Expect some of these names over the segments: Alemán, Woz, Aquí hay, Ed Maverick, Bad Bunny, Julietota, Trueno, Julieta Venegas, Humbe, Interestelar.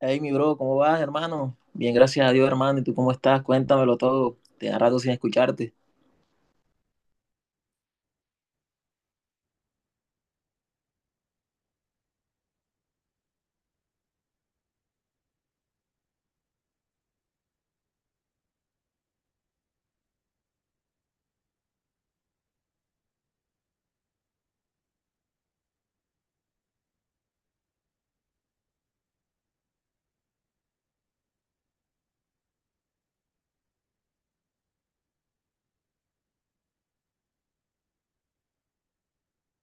Hey, mi bro, ¿cómo vas, hermano? Bien, gracias a Dios, hermano. ¿Y tú cómo estás? Cuéntamelo todo. Tenía rato sin escucharte.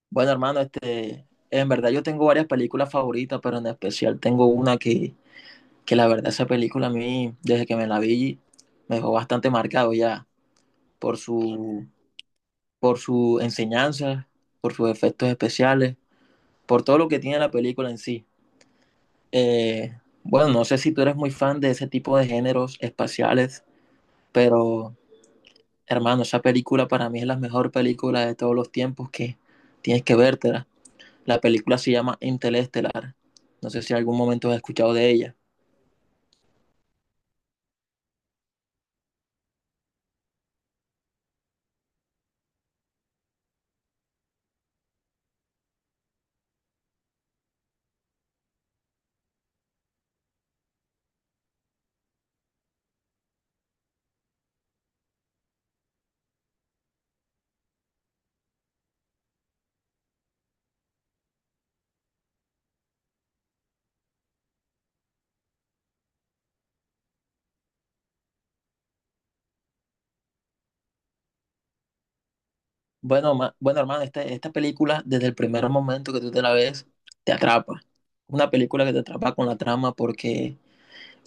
Bueno, hermano, en verdad yo tengo varias películas favoritas, pero en especial tengo una que, la verdad esa película a mí, desde que me la vi, me dejó bastante marcado ya por su, por su enseñanza, por sus efectos especiales, por todo lo que tiene la película en sí. Eh, bueno, no sé si tú eres muy fan de ese tipo de géneros espaciales, pero hermano, esa película para mí es la mejor película de todos los tiempos que tienes que vértela. La película se llama Interestelar. No sé si en algún momento has escuchado de ella. Bueno, hermano, esta película desde el primer momento que tú te la ves, te atrapa. Una película que te atrapa con la trama porque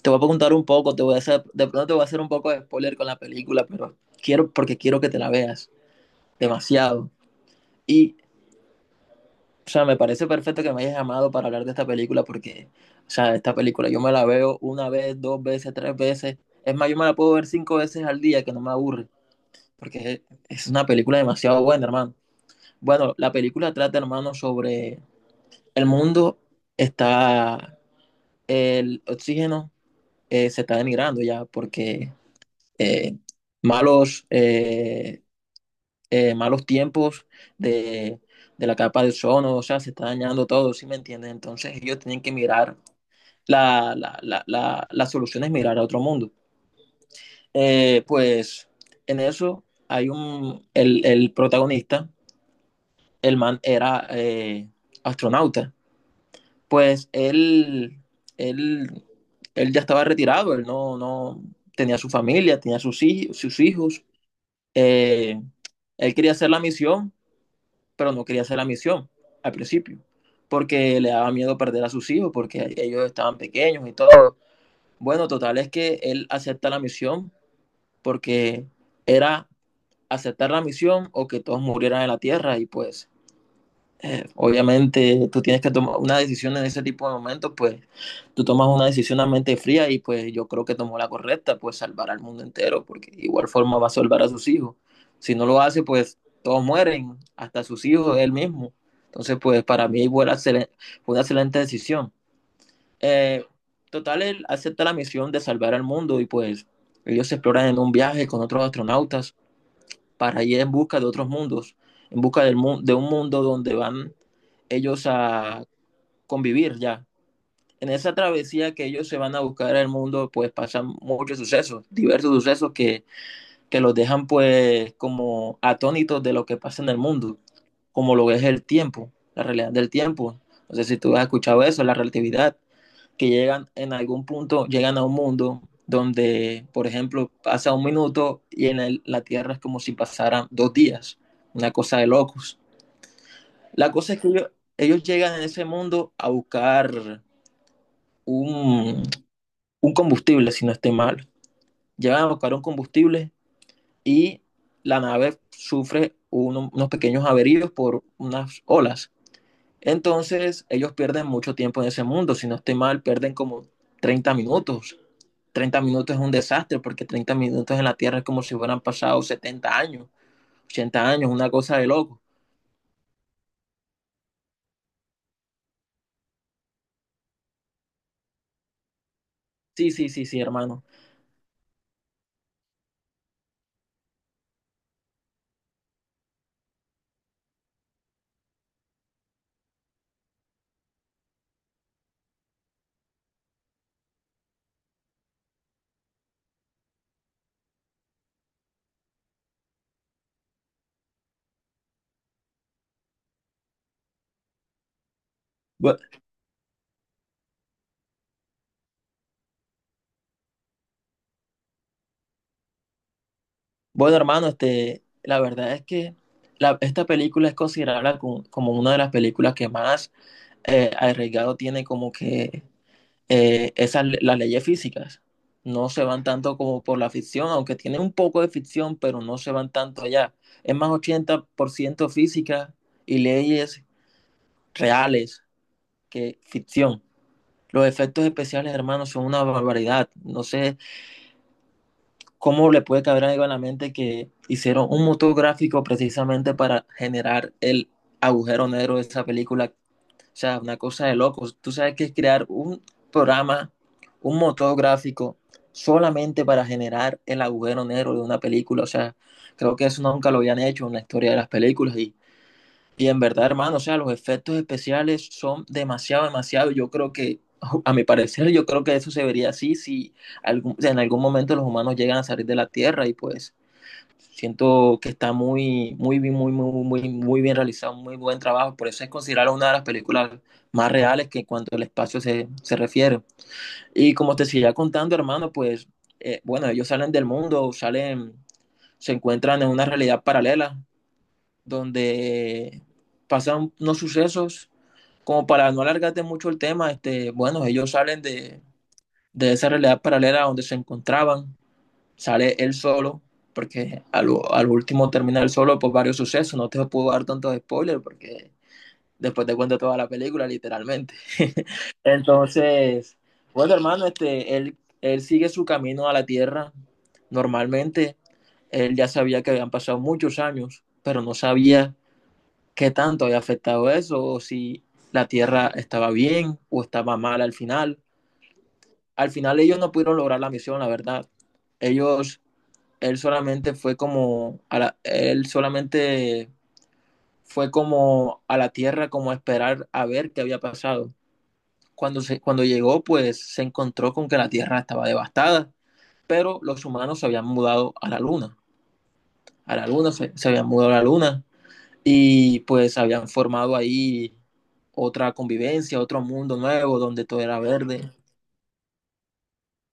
te voy a contar un poco, te voy a hacer, de pronto te voy a hacer un poco de spoiler con la película, pero quiero porque quiero que te la veas demasiado. Y O sea, me parece perfecto que me hayas llamado para hablar de esta película porque, o sea, esta película yo me la veo una vez, dos veces, tres veces. Es más, yo me la puedo ver cinco veces al día que no me aburre porque es una película demasiado buena, hermano. Bueno, la película trata, hermano, sobre el mundo está, el oxígeno se está denigrando ya porque eh, malos... eh, malos tiempos de, de la capa de ozono, o sea, se está dañando todo, ¿sí me entiendes? Entonces ellos tienen que mirar la solución es mirar a otro mundo. Pues en eso hay el protagonista, el man era astronauta, pues él, él ya estaba retirado, él no tenía su familia, tenía sus hijos, eh, él quería hacer la misión, pero no quería hacer la misión al principio, porque le daba miedo perder a sus hijos, porque ellos estaban pequeños y todo. Bueno, total es que él acepta la misión porque era aceptar la misión o que todos murieran en la tierra y pues obviamente tú tienes que tomar una decisión en ese tipo de momentos, pues tú tomas una decisión a mente fría y pues yo creo que tomó la correcta, pues salvar al mundo entero, porque de igual forma va a salvar a sus hijos. Si no lo hace, pues todos mueren, hasta sus hijos, él mismo. Entonces, pues para mí fue una excelente decisión. Eh, Total, él acepta la misión de salvar al mundo y pues ellos se exploran en un viaje con otros astronautas para ir en busca de otros mundos, en busca de un mundo donde van ellos a convivir ya. En esa travesía que ellos se van a buscar al mundo, pues pasan muchos sucesos, diversos sucesos que los dejan pues como atónitos de lo que pasa en el mundo, como lo es el tiempo, la realidad del tiempo. No sé si tú has escuchado eso, la relatividad que llegan en algún punto, llegan a un mundo donde, por ejemplo, pasa un minuto y en la Tierra es como si pasaran 2 días, una cosa de locos. La cosa es que ellos llegan en ese mundo a buscar un, un combustible, si no estoy mal. Llegan a buscar un combustible y la nave sufre unos pequeños averíos por unas olas. Entonces, ellos pierden mucho tiempo en ese mundo. Si no estoy mal, pierden como 30 minutos. 30 minutos es un desastre porque 30 minutos en la Tierra es como si hubieran pasado 70 años, 80 años, una cosa de loco. Sí, sí, sí, sí, hermano. Bu- Bueno, hermano, la verdad es que esta película es considerada como, una de las películas que más arriesgado tiene como que esas, las leyes físicas no se van tanto como por la ficción, aunque tienen un poco de ficción, pero no se van tanto allá. Es más 80% física y leyes reales que ficción. Los efectos especiales, hermanos, son una barbaridad. No sé cómo le puede caber algo en la mente que hicieron un motor gráfico precisamente para generar el agujero negro de esa película. O sea, una cosa de locos. Tú sabes que es crear un programa, un motor gráfico, solamente para generar el agujero negro de una película. O sea, creo que eso nunca lo habían hecho en la historia de las películas. Y en verdad, hermano, o sea, los efectos especiales son demasiado, demasiado. Yo creo que, a mi parecer, yo creo que eso se vería así si en algún momento los humanos llegan a salir de la Tierra y pues siento que está muy, muy, muy, muy, muy, muy bien realizado, muy buen trabajo. Por eso es considerada una de las películas más reales que en cuanto al espacio se refiere. Y como te seguía contando, hermano, pues, bueno, ellos salen del mundo, salen, se encuentran en una realidad paralela donde pasan unos sucesos. Como para no alargarte mucho el tema, bueno, ellos salen de esa realidad paralela donde se encontraban sale él solo, porque al último termina él solo por varios sucesos, no te puedo dar tantos spoilers porque después te cuento toda la película, literalmente. Entonces, bueno, hermano, él sigue su camino a la Tierra normalmente. Él ya sabía que habían pasado muchos años, pero no sabía qué tanto había afectado eso, o si la Tierra estaba bien o estaba mal al final. Al final ellos no pudieron lograr la misión, la verdad. Ellos él solamente fue como a la tierra como a esperar a ver qué había pasado. Cuando llegó, pues se encontró con que la tierra estaba devastada, pero los humanos se habían mudado a la luna se habían mudado a la luna y pues habían formado ahí otra convivencia, otro mundo nuevo donde todo era verde,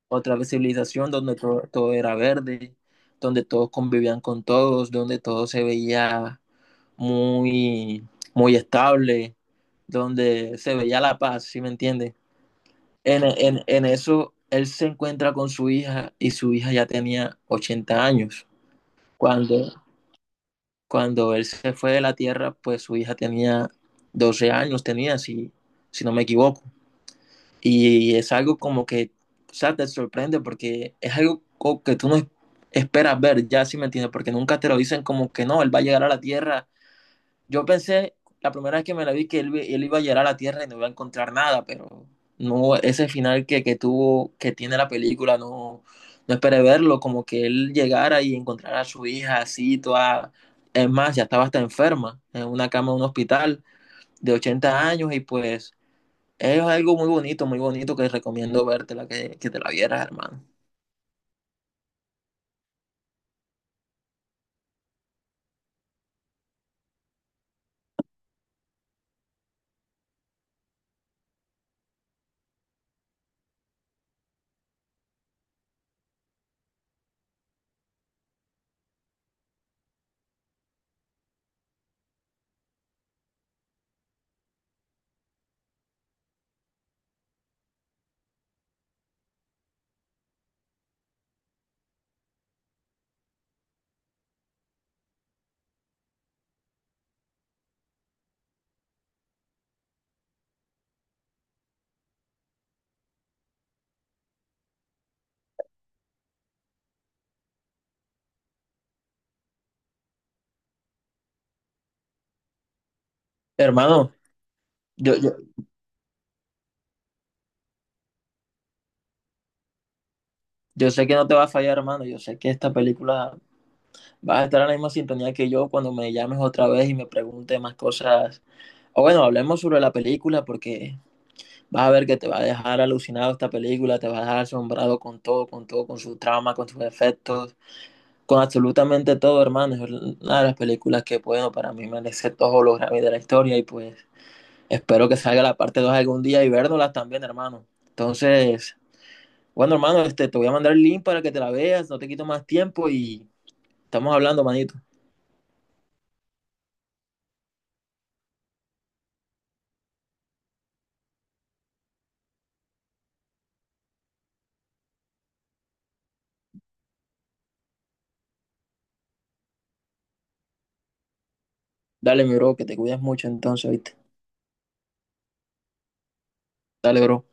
otra civilización donde todo, todo era verde, donde todos convivían con todos, donde todo se veía muy, muy estable, donde se veía la paz, ¿sí me entiendes? En eso, él se encuentra con su hija y su hija ya tenía 80 años. Cuando, cuando él se fue de la tierra, pues su hija tenía 12 años, tenía, si no me equivoco. Y es algo como que, o sea, te sorprende porque es algo que tú no esperas ver, ya, ¿sí me entiendes? Porque nunca te lo dicen como que no, él va a llegar a la tierra. Yo pensé, la primera vez que me la vi, que él iba a llegar a la Tierra y no iba a encontrar nada, pero no, ese final que tuvo, que tiene la película, no, no esperé verlo, como que él llegara y encontrara a su hija así, toda, es más, ya estaba hasta enferma, en una cama de un hospital de 80 años y pues es algo muy bonito que recomiendo verte la que te la vieras, hermano. Hermano, yo, yo, yo sé que no te va a fallar, hermano, yo sé que esta película vas a estar en la misma sintonía que yo cuando me llames otra vez y me preguntes más cosas. O bueno, hablemos sobre la película porque vas a ver que te va a dejar alucinado esta película, te va a dejar asombrado con todo, con todo, con su trama, con sus efectos, con absolutamente todo, hermano. Es una de las películas que, bueno, para mí merece todos los Grammys de la historia y pues espero que salga la parte 2 algún día y vernoslas también, hermano. Entonces, bueno, hermano, te voy a mandar el link para que te la veas, no te quito más tiempo y estamos hablando, manito. Dale, mi bro, que te cuidas mucho entonces, ¿viste? Dale, bro.